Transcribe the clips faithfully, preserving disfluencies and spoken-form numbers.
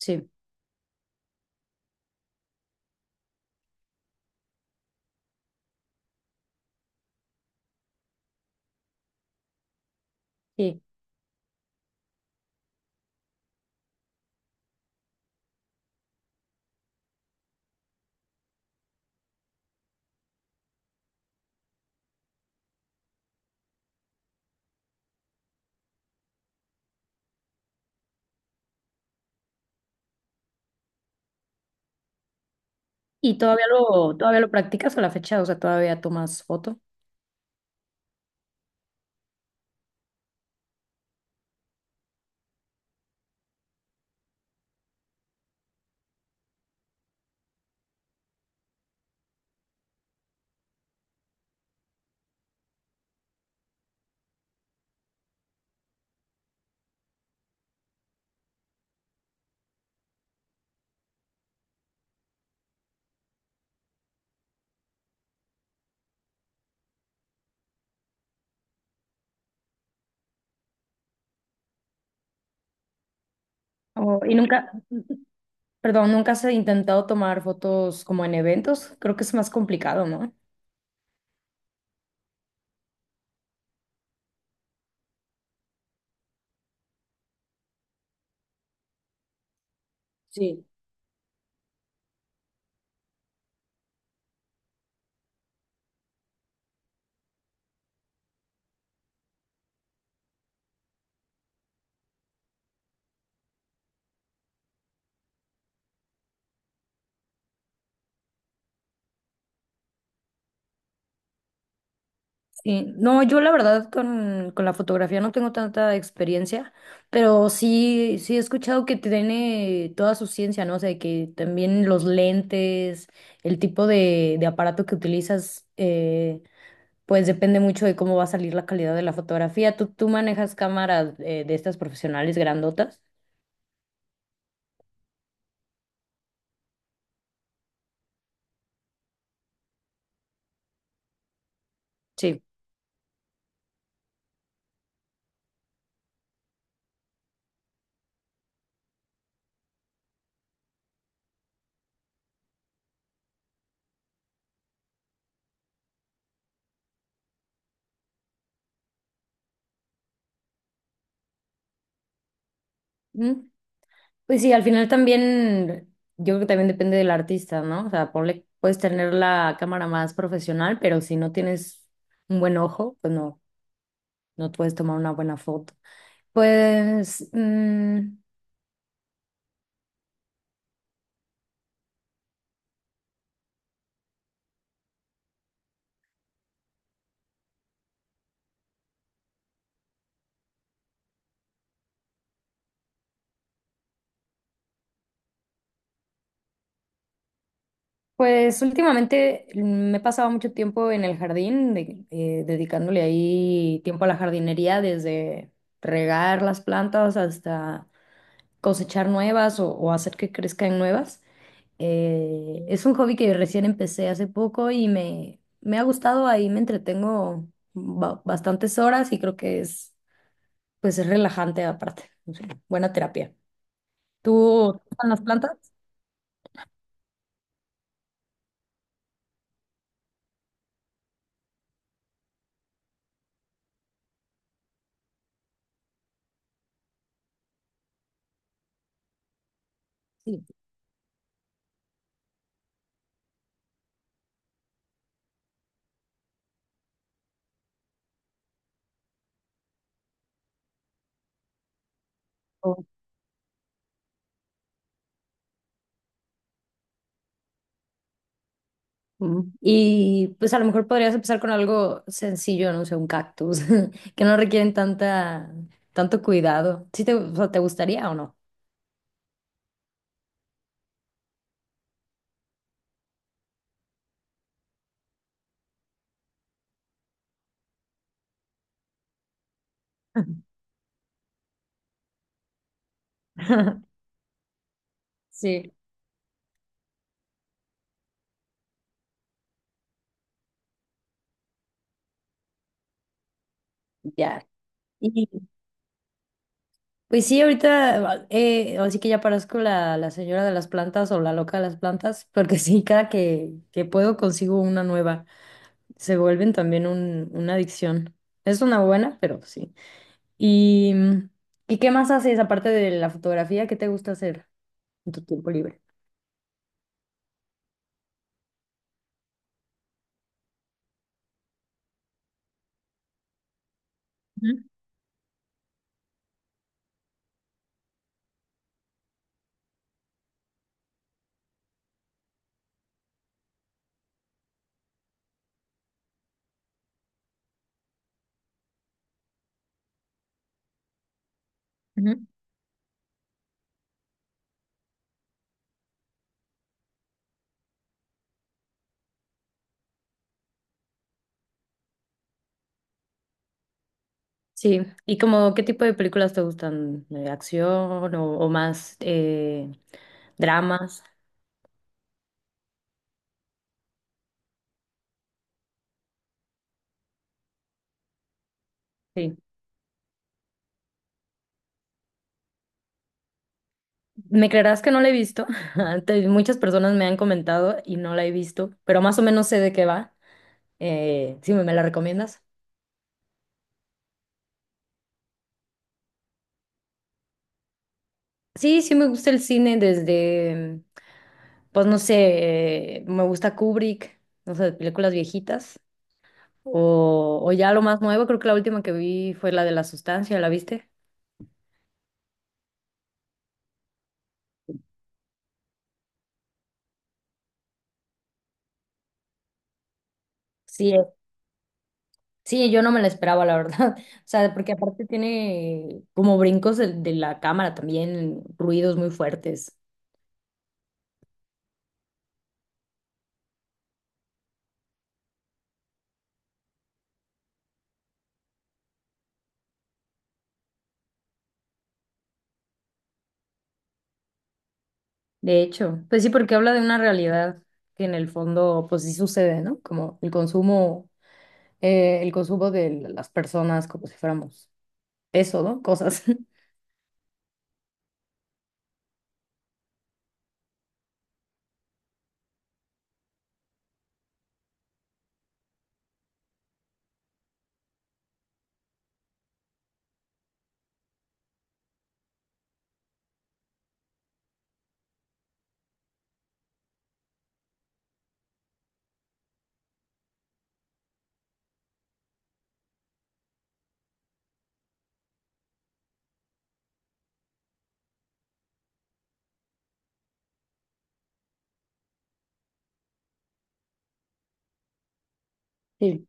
Sí, sí. ¿Y todavía lo, todavía lo practicas a la fecha? O sea, todavía tomas foto. O- y nunca, perdón, nunca has intentado tomar fotos como en eventos. Creo que es más complicado, ¿no? Sí. Sí, no, yo la verdad con, con la fotografía no tengo tanta experiencia, pero sí, sí he escuchado que tiene toda su ciencia, ¿no? O sea, que también los lentes, el tipo de, de aparato que utilizas, eh pues depende mucho de cómo va a salir la calidad de la fotografía. ¿Tú, tú manejas cámaras eh, de estas profesionales grandotas? Sí. Mm, pues sí, al final también, yo creo que también depende del artista, ¿no? O sea, ponle, puedes tener la cámara más profesional, pero si no tienes un buen ojo, pues no, no puedes tomar una buena foto. Pues, mm, Pues últimamente, mm, me he pasado mucho tiempo en el jardín, de- eh, dedicándole ahí tiempo a la jardinería, desde regar las plantas hasta cosechar nuevas o, o hacer que crezcan nuevas. Eh, es un hobby que recién empecé hace poco y me, me ha gustado, ahí me entretengo ba- bastantes horas y creo que es, pues es relajante aparte, no sé, buena terapia. ¿Tú te gustan las plantas? Sí. Mm. Y pues a lo mejor podrías empezar con algo sencillo, no sé, un cactus, que no requieren tanta, tanto cuidado. ¿Sí te, o sea, te gustaría o no? Sí, ya. Y pues sí, ahorita, eh, así que ya parezco la, la señora de las plantas o la loca de las plantas, porque sí, cada que, que puedo consigo una nueva. Se vuelven también un, una adicción. Es una buena, pero sí. ¿Y, ¿y qué más haces aparte de la fotografía? ¿Qué te gusta hacer en tu tiempo libre? Ujú, ujú. Sí, ¿y como qué tipo de películas te gustan? ¿De acción o, o más eh, dramas? Sí. Me creerás que no la he visto. Te- Muchas personas me han comentado y no la he visto, pero más o menos sé de qué va. Eh, sí, ¿me me la recomiendas? Sí, sí me gusta el cine desde, pues no sé, eh, me gusta Kubrick, no sé, películas viejitas o, o ya lo más nuevo, creo que la última que vi fue la de La Sustancia, ¿la viste? Sí, Sí, yo no me la esperaba, la verdad. O sea, porque aparte tiene como brincos de, de la cámara también, ruidos muy fuertes. De hecho, pues sí, porque habla de una realidad que en el fondo, pues sí sucede, ¿no? Como el consumo, eh, el consumo de las personas como si fuéramos eso, ¿no? Cosas. Sí,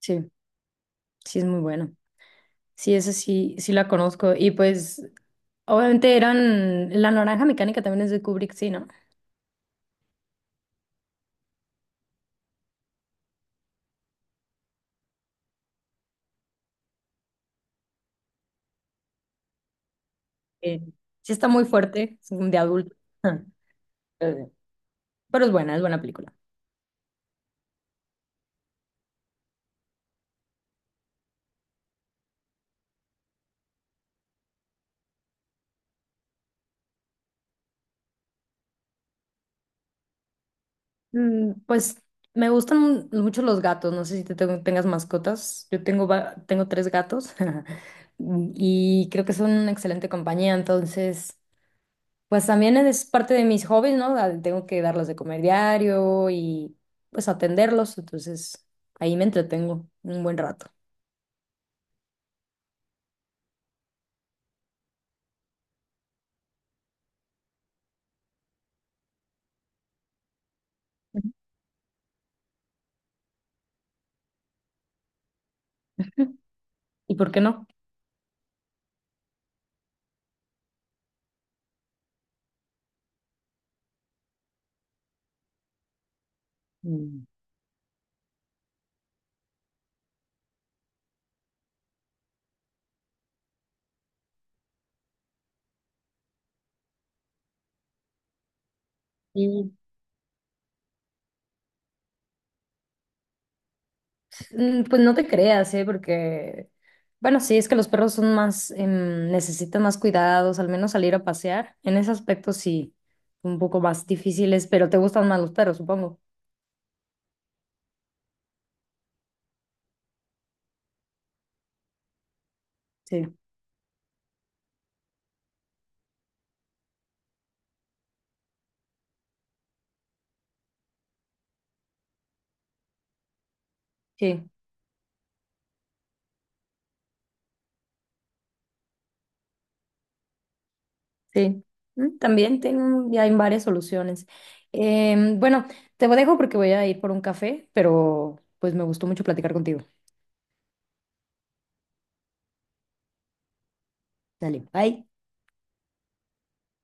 sí, sí es muy bueno. Sí, ese sí, sí la conozco. Y pues, obviamente eran, La Naranja Mecánica también es de Kubrick, sí, ¿no? Eh, sí está muy fuerte, es de adulto. Pero es buena, es buena película. Mm, pues me gustan mu- mucho los gatos. No sé si te tengo- tengas mascotas. Yo tengo, va- tengo tres gatos y creo que son una excelente compañía. Entonces, pues también es parte de mis hobbies, ¿no? Da- Tengo que darles de comer diario y pues atenderlos. Entonces, ahí me entretengo un buen rato. ¿Y por qué no? Mm. Mm, pues no te creas, ¿eh? Porque, bueno, sí, es que los perros son más, em, necesitan más cuidados, al menos salir a pasear. En ese aspecto sí, un poco más difíciles, pero te gustan más los perros, supongo. Sí, sí, sí. Mm, también tengo, ya hay varias soluciones. Em, bueno, te dejo porque voy a ir por un café, pero pues me gustó mucho platicar contigo. Dale, bye.